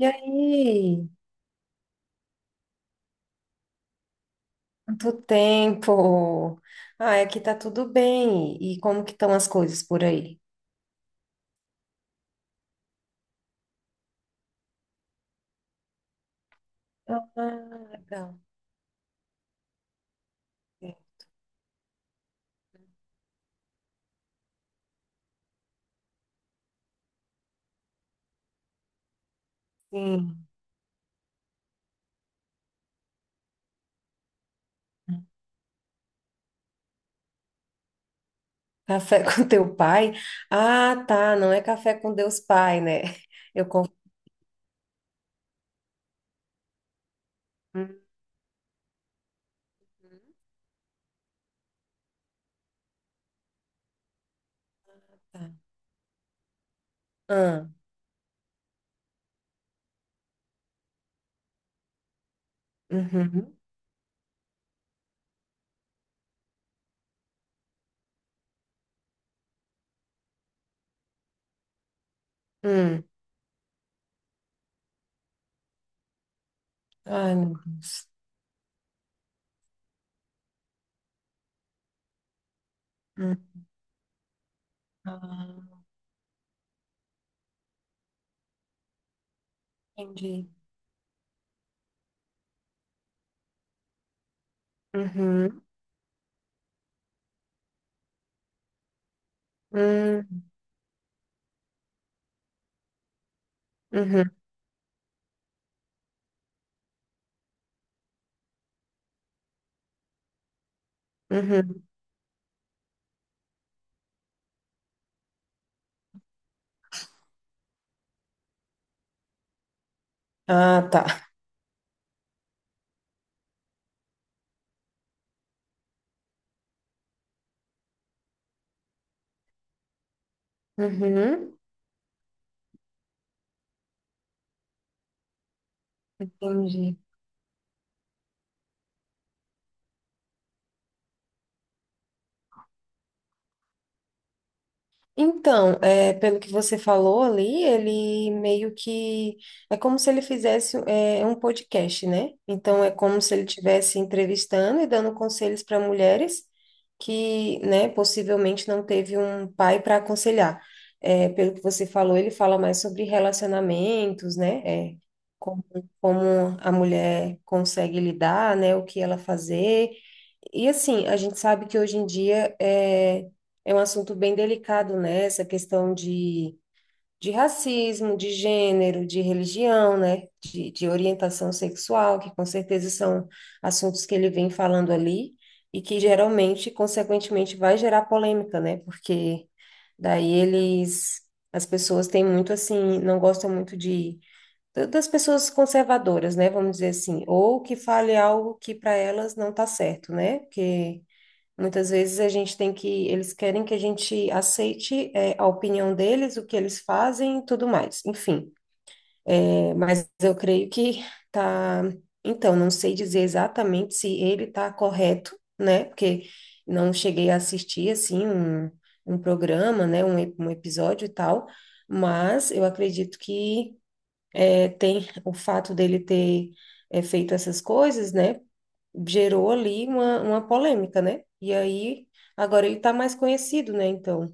E aí? Quanto tempo? Ah, aqui tá tudo bem. E como que estão as coisas por aí? Ah, legal. Sim. Café com teu pai? Ah, tá. Não é café com Deus Pai, né? Eu confundo. Tá. Ah, uhum, hum. Ai, meu Deus. Hum. Ah, entendi. Uhum, hum, uhum, uhum. Ah, tá. Uhum, entendi. Então, pelo que você falou ali, ele meio que é como se ele fizesse um podcast, né? Então é como se ele estivesse entrevistando e dando conselhos para mulheres que, né, possivelmente não teve um pai para aconselhar. É, pelo que você falou, ele fala mais sobre relacionamentos, né? Como, como a mulher consegue lidar, né? O que ela fazer. E assim, a gente sabe que hoje em dia é um assunto bem delicado, né? Essa questão de racismo, de gênero, de religião, né? De orientação sexual, que com certeza são assuntos que ele vem falando ali e que geralmente, consequentemente, vai gerar polêmica, né? Porque daí eles, as pessoas têm muito assim, não gostam muito de das pessoas conservadoras, né? Vamos dizer assim, ou que fale algo que para elas não tá certo, né? Porque muitas vezes a gente tem que, eles querem que a gente aceite, a opinião deles, o que eles fazem e tudo mais. Enfim, mas eu creio que tá. Então, não sei dizer exatamente se ele tá correto, né? Porque não cheguei a assistir, assim, um programa, né? Um episódio e tal. Mas eu acredito que tem o fato dele ter feito essas coisas, né? Gerou ali uma polêmica, né? E aí, agora ele tá mais conhecido, né? Então,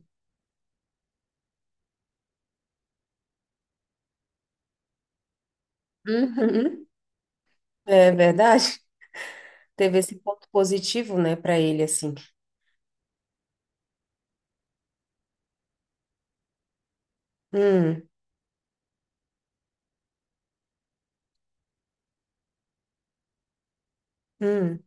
uhum, é verdade. Teve esse ponto positivo, né, para ele, assim. Hum, hum.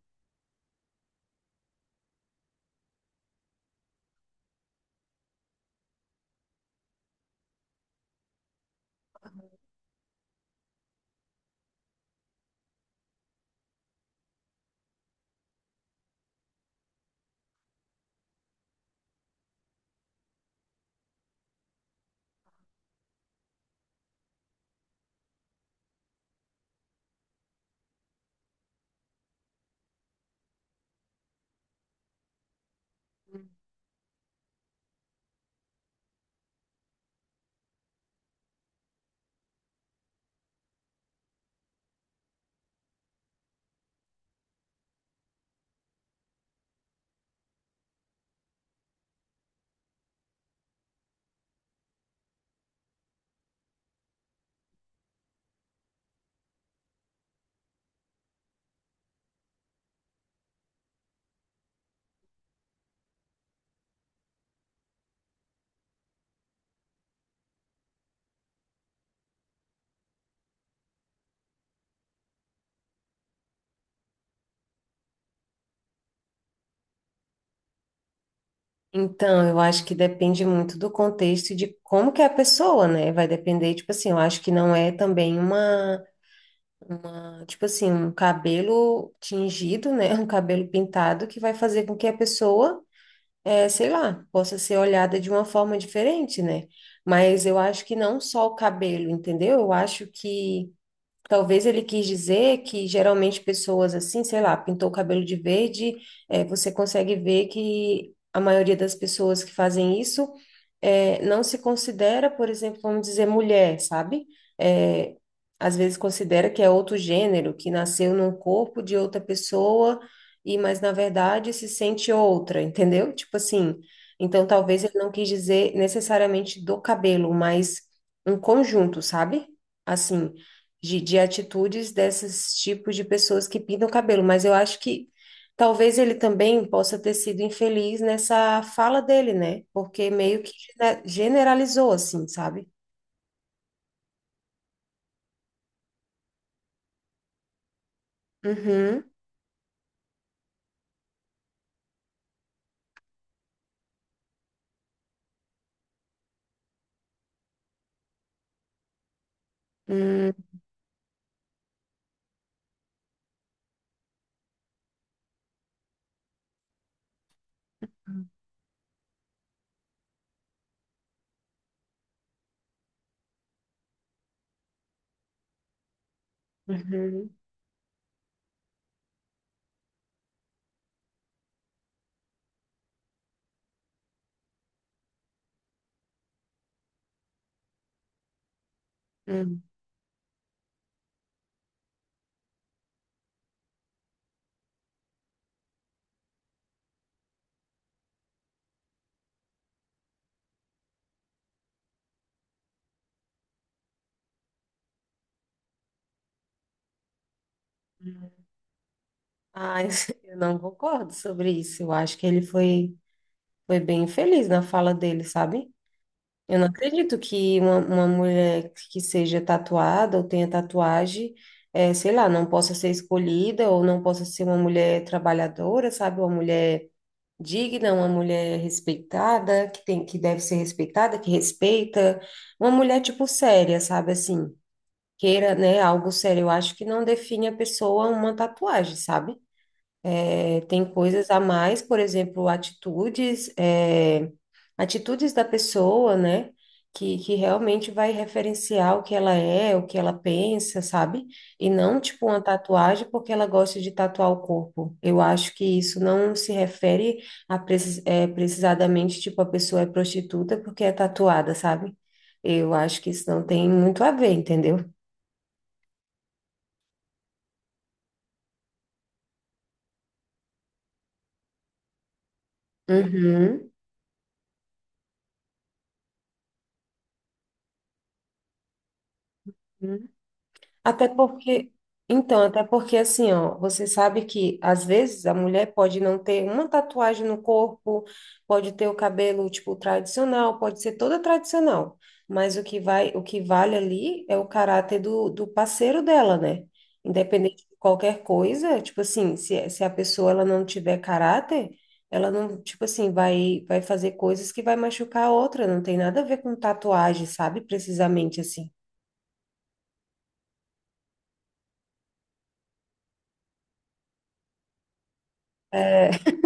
Então, eu acho que depende muito do contexto e de como que é a pessoa, né? Vai depender, tipo assim, eu acho que não é também tipo assim, um cabelo tingido, né? Um cabelo pintado que vai fazer com que a pessoa sei lá, possa ser olhada de uma forma diferente, né? Mas eu acho que não só o cabelo, entendeu? Eu acho que talvez ele quis dizer que geralmente pessoas assim, sei lá, pintou o cabelo de verde, você consegue ver que a maioria das pessoas que fazem isso não se considera, por exemplo, vamos dizer, mulher, sabe? Eh, às vezes considera que é outro gênero, que nasceu num corpo de outra pessoa, e mas na verdade se sente outra, entendeu? Tipo assim, então talvez ele não quis dizer necessariamente do cabelo, mas um conjunto, sabe? Assim de atitudes desses tipos de pessoas que pintam o cabelo, mas eu acho que talvez ele também possa ter sido infeliz nessa fala dele, né? Porque meio que generalizou, assim, sabe? Uhum, uhum, uhum, uhum. Ai, eu não concordo sobre isso. Eu acho que ele foi, foi bem infeliz na fala dele, sabe? Eu não acredito que uma mulher que seja tatuada ou tenha tatuagem, sei lá, não possa ser escolhida ou não possa ser uma mulher trabalhadora, sabe? Uma mulher digna, uma mulher respeitada, que tem, que deve ser respeitada, que respeita. Uma mulher, tipo, séria, sabe? Assim, queira, né, algo sério. Eu acho que não define a pessoa uma tatuagem, sabe? É, tem coisas a mais, por exemplo, atitudes, atitudes da pessoa, né? Que realmente vai referenciar o que ela é, o que ela pensa, sabe? E não, tipo, uma tatuagem porque ela gosta de tatuar o corpo. Eu acho que isso não se refere a precisadamente, tipo, a pessoa é prostituta porque é tatuada, sabe? Eu acho que isso não tem muito a ver, entendeu? Uhum. Até porque, então, até porque assim, ó, você sabe que às vezes a mulher pode não ter uma tatuagem no corpo, pode ter o cabelo tipo tradicional, pode ser toda tradicional, mas o que vai, o que vale ali é o caráter do parceiro dela, né? Independente de qualquer coisa, tipo assim, se a pessoa ela não tiver caráter, ela não, tipo assim, vai fazer coisas que vai machucar a outra, não tem nada a ver com tatuagem, sabe? Precisamente assim. É,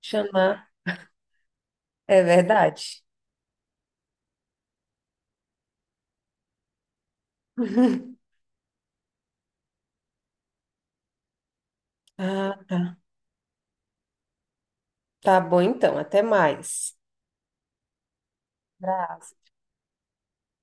chamar. É verdade. Ah, tá. Tá bom então, até mais. Abraço.